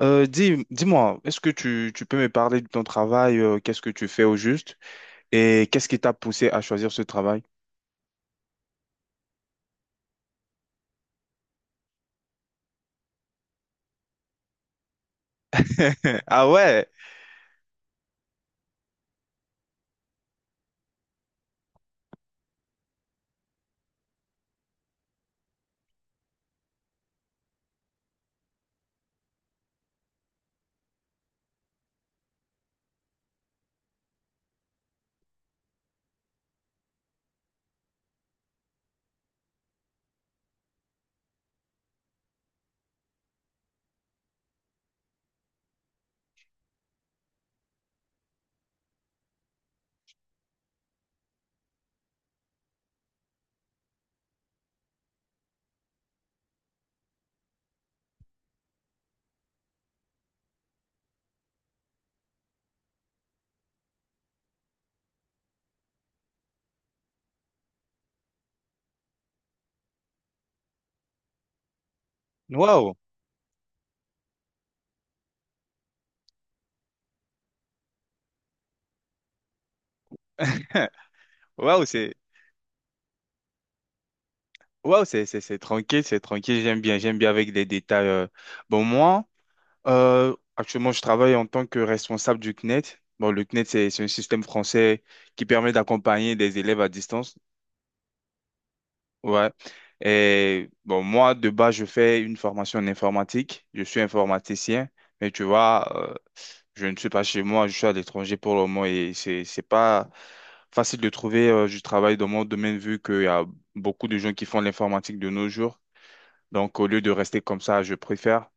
Dis-moi, est-ce que tu peux me parler de ton travail, qu'est-ce que tu fais au juste et qu'est-ce qui t'a poussé à choisir ce travail? Ah ouais, waouh, waouh, c'est c'est tranquille, j'aime bien avec les détails. Bon, moi, actuellement, je travaille en tant que responsable du CNET. Bon, le CNET, c'est un système français qui permet d'accompagner des élèves à distance. Ouais. Et bon, moi, de base, je fais une formation en informatique. Je suis informaticien, mais tu vois, je ne suis pas chez moi, je suis à l'étranger pour le moment et c'est pas facile de trouver du travail dans mon domaine vu qu'il y a beaucoup de gens qui font l'informatique de nos jours. Donc, au lieu de rester comme ça, je préfère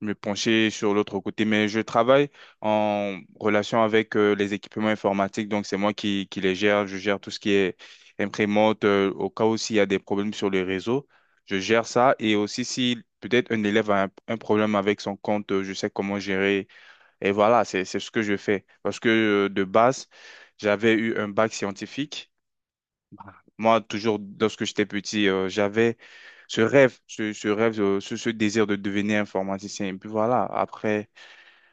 me pencher sur l'autre côté, mais je travaille en relation avec les équipements informatiques, donc c'est moi qui les gère, je gère tout ce qui est imprimante, au cas où s'il y a des problèmes sur le réseau, je gère ça, et aussi si peut-être un élève a un problème avec son compte, je sais comment gérer, et voilà, c'est ce que je fais, parce que de base, j'avais eu un bac scientifique, moi, toujours, lorsque j'étais petit, j'avais ce rêve, ce rêve, ce désir de devenir informaticien. Et puis voilà, après,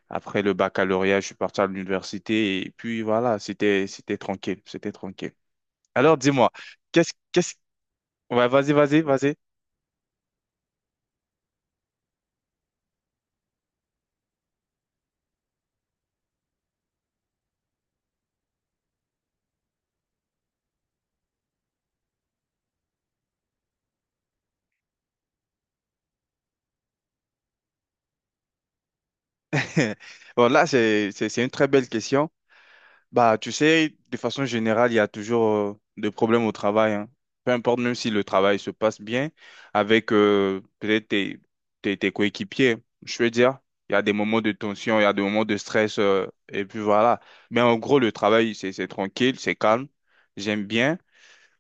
après le baccalauréat, je suis parti à l'université et puis voilà, c'était tranquille, c'était tranquille. Alors dis-moi, qu'est-ce qu'est-ce Ouais, vas-y. Bon, là, c'est une très belle question. Bah, tu sais, de façon générale, il y a toujours des problèmes au travail, hein. Peu importe, même si le travail se passe bien avec peut-être tes, tes coéquipiers. Je veux dire, il y a des moments de tension, il y a des moments de stress, et puis voilà. Mais en gros, le travail, c'est tranquille, c'est calme. J'aime bien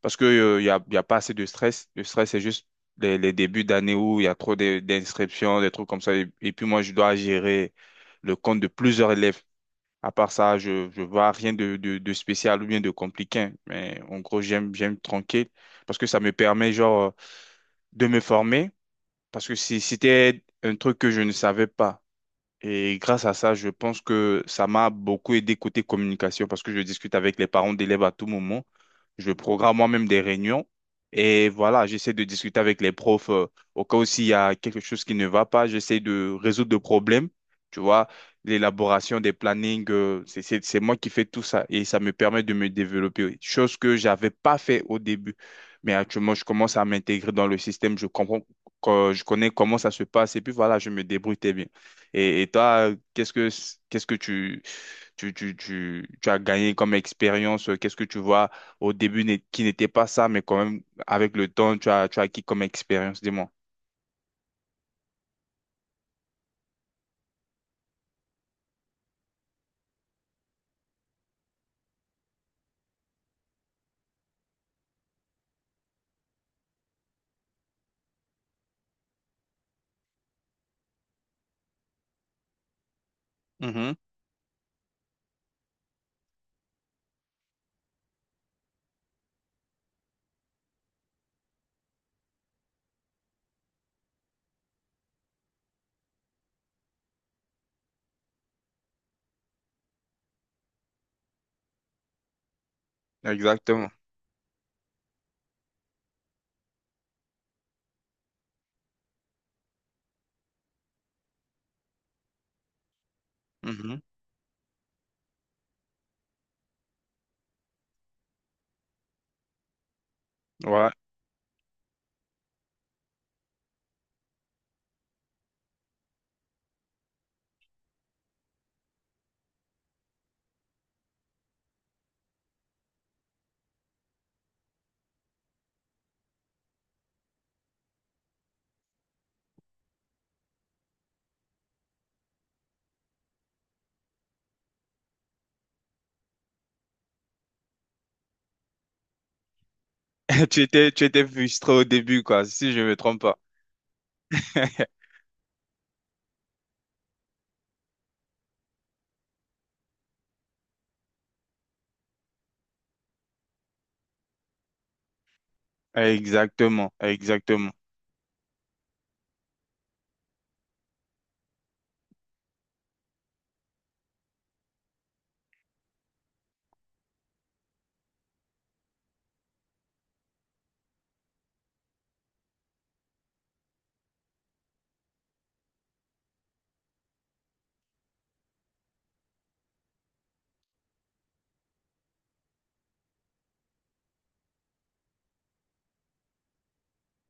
parce que, il y a pas assez de stress. Le stress, c'est juste les débuts d'année où il y a d'inscriptions, des trucs comme ça. Et puis moi, je dois gérer le compte de plusieurs élèves. À part ça, je vois rien de, de spécial ou bien de compliqué. Mais en gros, j'aime tranquille parce que ça me permet genre de me former parce que si c'était un truc que je ne savais pas. Et grâce à ça, je pense que ça m'a beaucoup aidé côté communication parce que je discute avec les parents d'élèves à tout moment. Je programme moi-même des réunions et voilà, j'essaie de discuter avec les profs au cas où s'il y a quelque chose qui ne va pas, j'essaie de résoudre le problème. Tu vois, l'élaboration des plannings, c'est moi qui fais tout ça et ça me permet de me développer, oui. Chose que j'avais pas fait au début. Mais actuellement, je commence à m'intégrer dans le système, je comprends, je connais comment ça se passe et puis voilà, je me débrouille très bien. Et toi, qu'est-ce que tu as gagné comme expérience? Qu'est-ce que tu vois au début qui n'était pas ça, mais quand même, avec le temps, tu as acquis comme expérience, dis-moi. Mhm, exactement. Mhm, ouais. Tu étais frustré au début, quoi, si je ne me trompe pas. Exactement, exactement.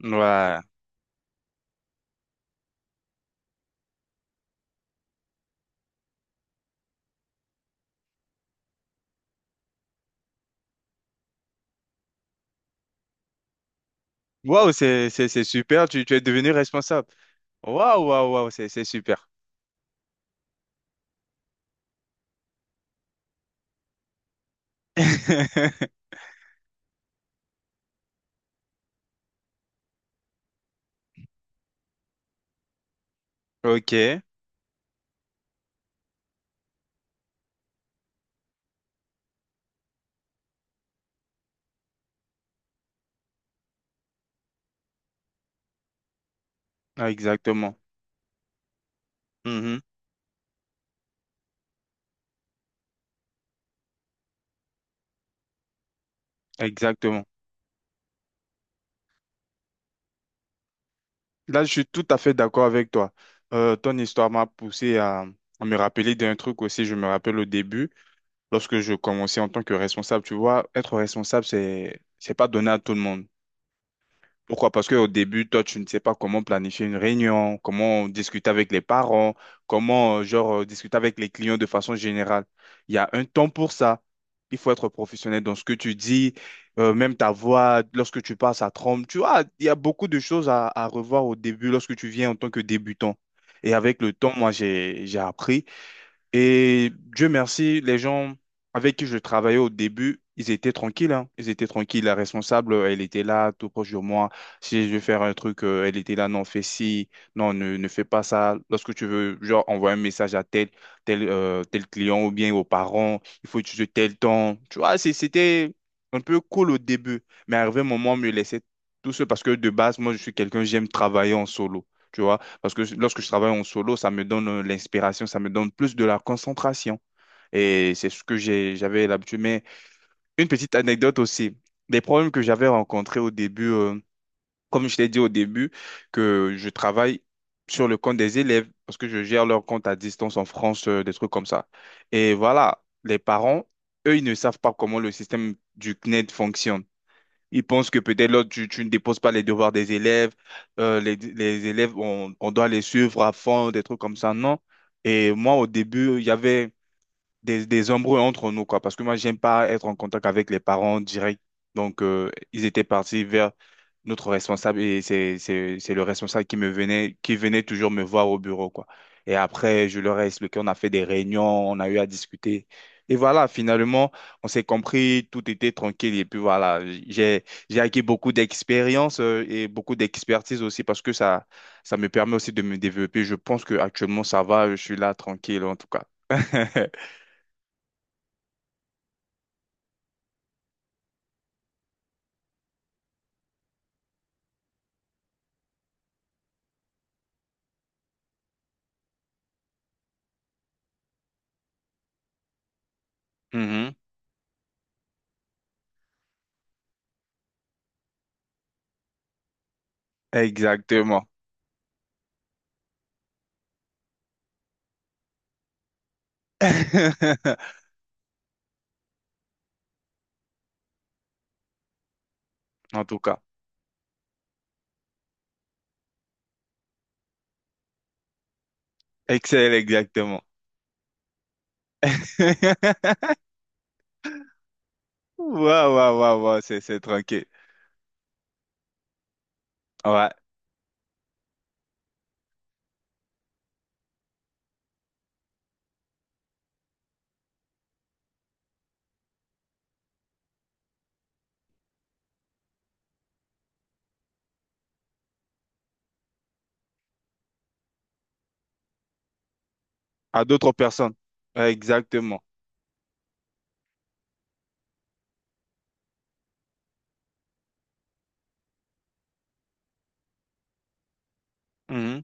Ouais. Waouh, c'est super, tu es devenu responsable. Waouh, waouh, waouh, c'est super. Ok, exactement. Mhm. Exactement. Là, je suis tout à fait d'accord avec toi. Ton histoire m'a poussé à me rappeler d'un truc aussi. Je me rappelle au début, lorsque je commençais en tant que responsable, tu vois, être responsable, c'est pas donné à tout le monde. Pourquoi? Parce qu'au début, toi, tu ne sais pas comment planifier une réunion, comment discuter avec les parents, comment, discuter avec les clients de façon générale. Il y a un temps pour ça. Il faut être professionnel dans ce que tu dis, même ta voix, lorsque tu passes à tremble. Tu vois, il y a beaucoup de choses à revoir au début lorsque tu viens en tant que débutant. Et avec le temps, moi, j'ai appris. Et Dieu merci, les gens avec qui je travaillais au début, ils étaient tranquilles, hein. Ils étaient tranquilles. La responsable, elle était là, tout proche de moi. Si je veux faire un truc, elle était là, non, fais ci, non, ne fais pas ça. Lorsque tu veux, genre, envoyer un message à tel, tel client ou bien aux parents, il faut utiliser tel temps. Tu vois, c'était un peu cool au début. Mais arrivé un moment, on me laissait tout seul parce que de base, moi, je suis quelqu'un, j'aime travailler en solo. Tu vois, parce que lorsque je travaille en solo, ça me donne l'inspiration, ça me donne plus de la concentration. Et c'est ce que j'avais l'habitude. Mais une petite anecdote aussi. Des problèmes que j'avais rencontrés au début, comme je t'ai dit au début, que je travaille sur le compte des élèves parce que je gère leur compte à distance en France, des trucs comme ça. Et voilà, les parents, eux, ils ne savent pas comment le système du CNED fonctionne. Ils pensent que peut-être là, tu ne déposes pas les devoirs des élèves, les élèves, on doit les suivre à fond, des trucs comme ça, non? Et moi, au début, il y avait, des embrouilles entre nous, quoi. Parce que moi, j'aime pas être en contact avec les parents direct. Donc, ils étaient partis vers notre responsable et c'est le responsable qui me venait, qui venait toujours me voir au bureau, quoi. Et après, je leur ai expliqué, on a fait des réunions, on a eu à discuter. Et voilà, finalement, on s'est compris, tout était tranquille. Et puis voilà, j'ai acquis beaucoup d'expérience et beaucoup d'expertise aussi parce que ça me permet aussi de me développer. Je pense que actuellement ça va, je suis là tranquille en tout cas. Mhm. Exactement. En tout cas, excel, exactement. Waouh, waouh, waouh, waouh, c'est tranquille. Ouais, à d'autres personnes. Ouais, exactement. Mhm.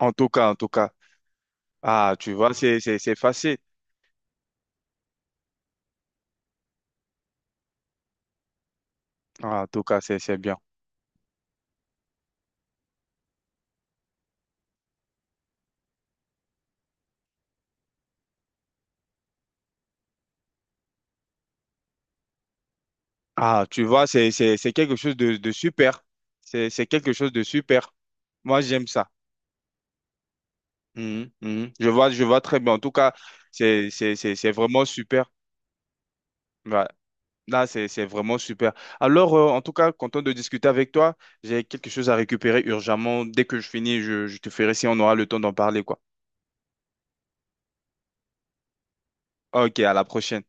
En tout cas, en tout cas. Ah, tu vois, c'est facile. Ah, en tout cas, c'est bien. Ah, tu vois, c'est quelque chose de super. C'est quelque chose de super. Moi, j'aime ça. Mhm, mhm. Je vois très bien. En tout cas, c'est vraiment super. Ouais. Là, c'est vraiment super. Alors, en tout cas, content de discuter avec toi. J'ai quelque chose à récupérer urgemment. Dès que je finis, je te ferai si on aura le temps d'en parler, quoi. Ok, à la prochaine.